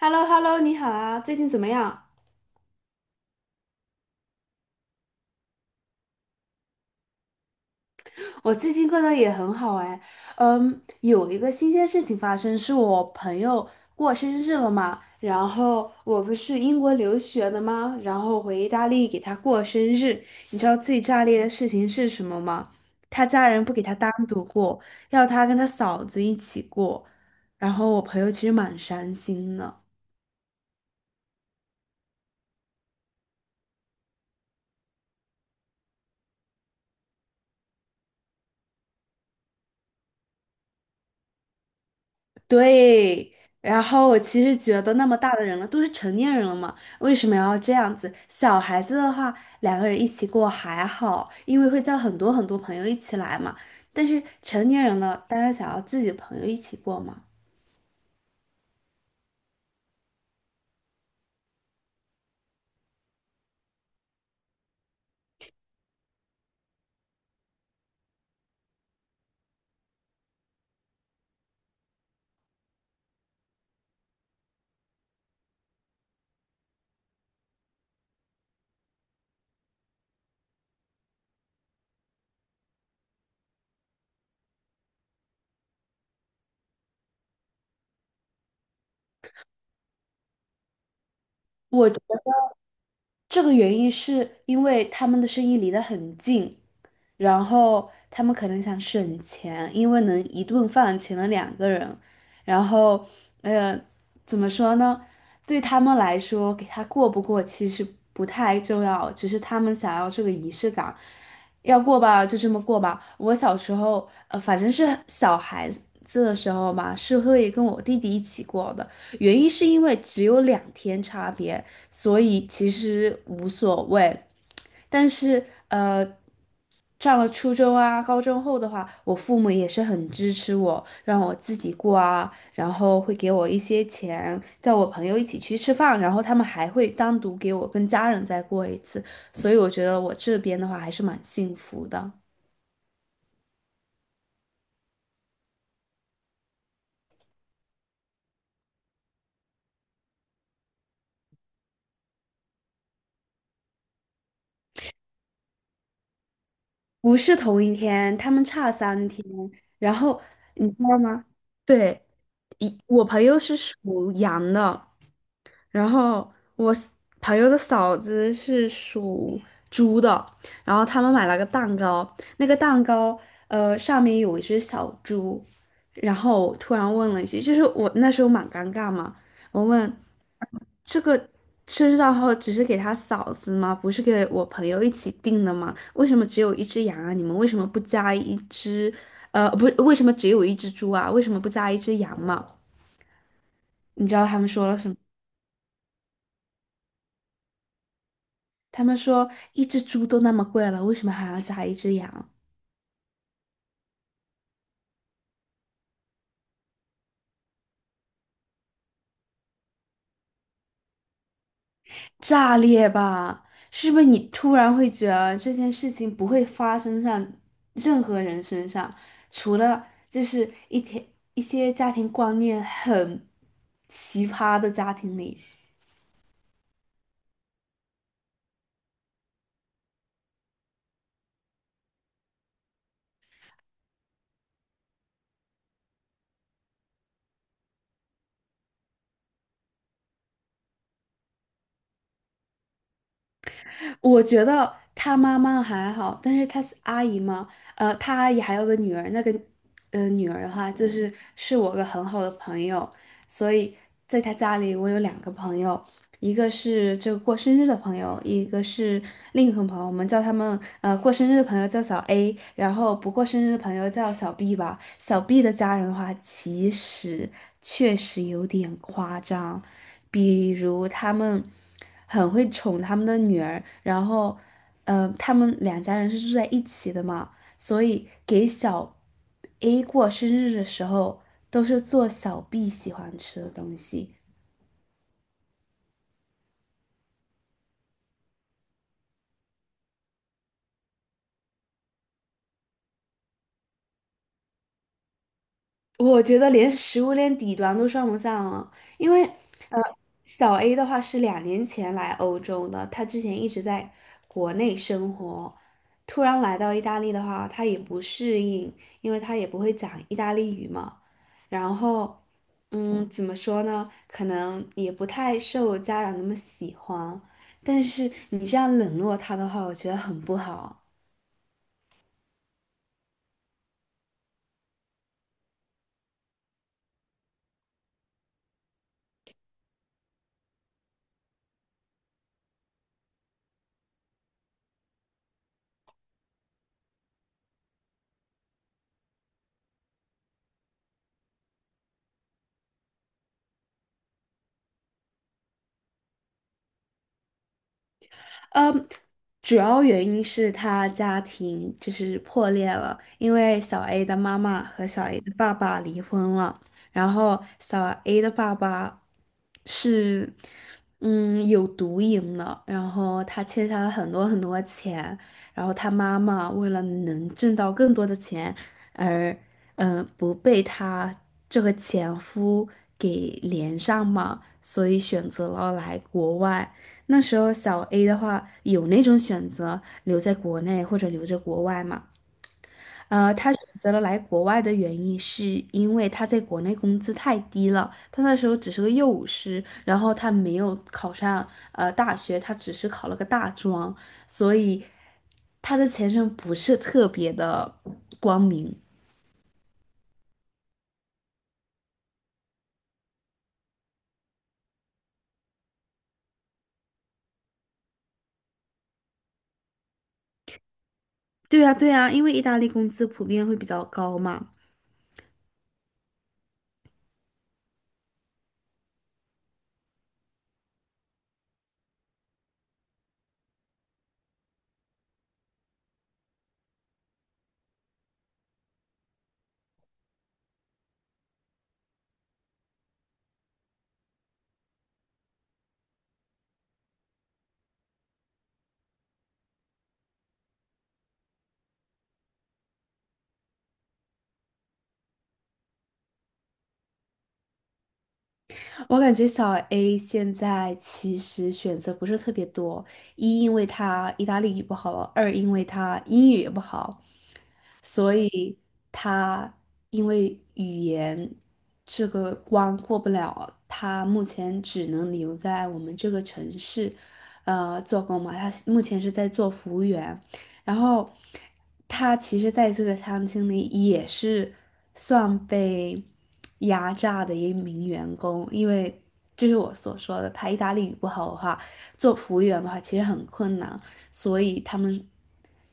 h e l l o h e l l o 你好啊，最近怎么样？我最近过得也很好哎，有一个新鲜事情发生，是我朋友过生日了嘛，然后我不是英国留学的吗？然后回意大利给他过生日，你知道最炸裂的事情是什么吗？他家人不给他单独过，要他跟他嫂子一起过，然后我朋友其实蛮伤心的。对，然后我其实觉得那么大的人了，都是成年人了嘛，为什么要这样子？小孩子的话，两个人一起过还好，因为会叫很多很多朋友一起来嘛。但是成年人了，当然想要自己的朋友一起过嘛。我觉得这个原因是因为他们的生意离得很近，然后他们可能想省钱，因为能一顿饭请了两个人，然后，呃，怎么说呢？对他们来说，给他过不过其实不太重要，只是他们想要这个仪式感，要过吧就这么过吧。我小时候，反正是小孩子的时候嘛，是会跟我弟弟一起过的，原因是因为只有2天差别。所以其实无所谓。但是上了初中啊、高中后的话，我父母也是很支持我，让我自己过啊，然后会给我一些钱，叫我朋友一起去吃饭，然后他们还会单独给我跟家人再过一次，所以我觉得我这边的话还是蛮幸福的，不是同一天，他们差3天，然后你知道吗？对，一我朋友是属羊的。然后我 s- 朋友的嫂子是属猪的，然后他们买了个蛋糕，那个蛋糕上面有一只小猪，然后我突然问了一句，就是我那时候蛮尴尬嘛，我问这个生日蛋糕只是给他嫂子吗？不是给我朋友一起订的吗？为什么只有一只羊啊？你们为什么不加一只？不是，为什么只有一只猪啊？为什么不加一只羊嘛？你知道他们说了什么？他们说一只猪都那么贵了，为什么还要炸一只羊？炸裂吧！是不是你突然会觉得这件事情不会发生上任何人身上，除了就是一天一些家庭观念很奇葩的家庭里，我觉得他妈妈还好，但是他是阿姨嘛，他阿姨还有个女儿，那个女儿的话，就是我个很好的朋友，所以在他家里，我有两个朋友，一个是这个过生日的朋友，一个是另一个朋友，我们叫他们过生日的朋友叫小 A，然后不过生日的朋友叫小 B 吧。小 B 的家人的话，其实确实有点夸张，比如他们很会宠他们的女儿，然后他们两家人是住在一起的嘛。所以给小 A 过生日的时候，都是做小 B 喜欢吃的东西。我觉得连食物链底端都算不上了，因为呃，小 A 的话是2年前来欧洲的，他之前一直在国内生活，突然来到意大利的话，他也不适应，因为他也不会讲意大利语嘛。然后，怎么说呢？可能也不太受家长那么喜欢，但是你这样冷落他的话，我觉得很不好。嗯，主要原因是他家庭就是破裂了，因为小 A 的妈妈和小 A 的爸爸离婚了，然后小 A 的爸爸是有毒瘾的，然后他欠下了很多很多钱，然后他妈妈为了能挣到更多的钱而不被他这个前夫给连上嘛，所以选择了来国外。那时候小 A 的话有那种选择留在国内或者留在国外嘛？他选择了来国外的原因是因为他在国内工资太低了，他那时候只是个幼舞师，然后他没有考上大学，他只是考了个大专，所以他的前程不是特别的光明。对呀，对呀，因为意大利工资普遍会比较高嘛。我感觉小 A 现在其实选择不是特别多，一因为他意大利语不好，二因为他英语也不好，所以他因为语言这个关过不了，他目前只能留在我们这个城市，做工嘛。他目前是在做服务员，然后他其实在这个餐厅里也是算被压榨的一名员工，因为就是我所说的，他意大利语不好的话，做服务员的话其实很困难，所以他们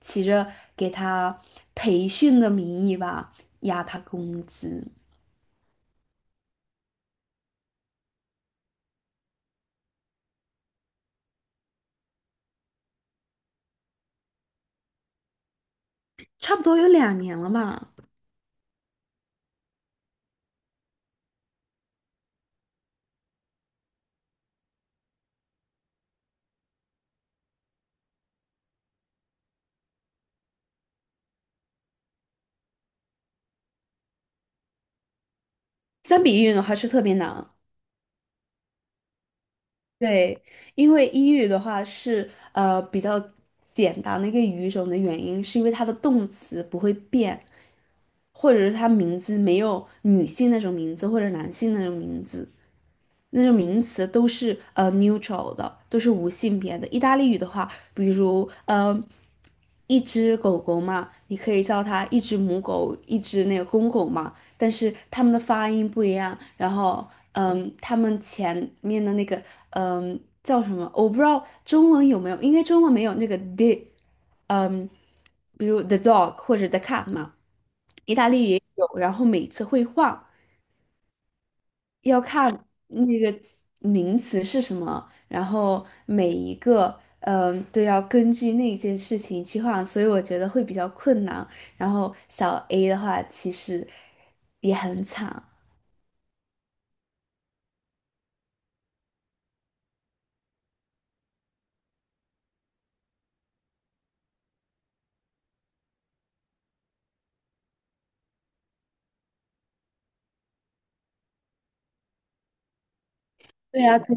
起着给他培训的名义吧，压他工资，差不多有两年了嘛。相比于的话是特别难，对，因为英语的话是比较简单的一个语种的原因，是因为它的动词不会变，或者是它名字没有女性那种名字，或者男性那种名字，那种名词都是neutral 的，都是无性别的。意大利语的话，比如一只狗狗嘛，你可以叫它一只母狗，一只那个公狗嘛，但是它们的发音不一样，然后它们前面的那个叫什么，我不知道中文有没有，应该中文没有那个 d。嗯，比如 The Dog 或者 The Cat 嘛，意大利也有，然后每次会换，要看那个名词是什么，然后每一个都要根据那件事情去换，所以我觉得会比较困难。然后小 A 的话，其实也很惨。对呀，对，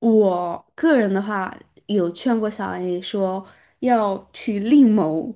我个人的话，有劝过小 A 说要去另谋，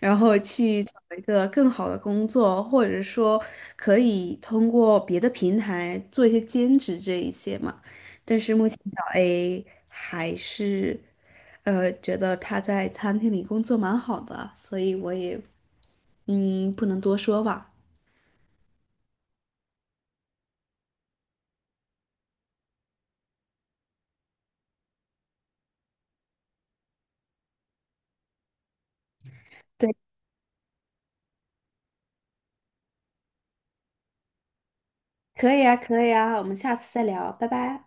然后去找一个更好的工作，或者说可以通过别的平台做一些兼职这一些嘛。但是目前小 A 还是，觉得他在餐厅里工作蛮好的，所以我也不能多说吧。对，可以啊，可以啊，我们下次再聊，拜拜。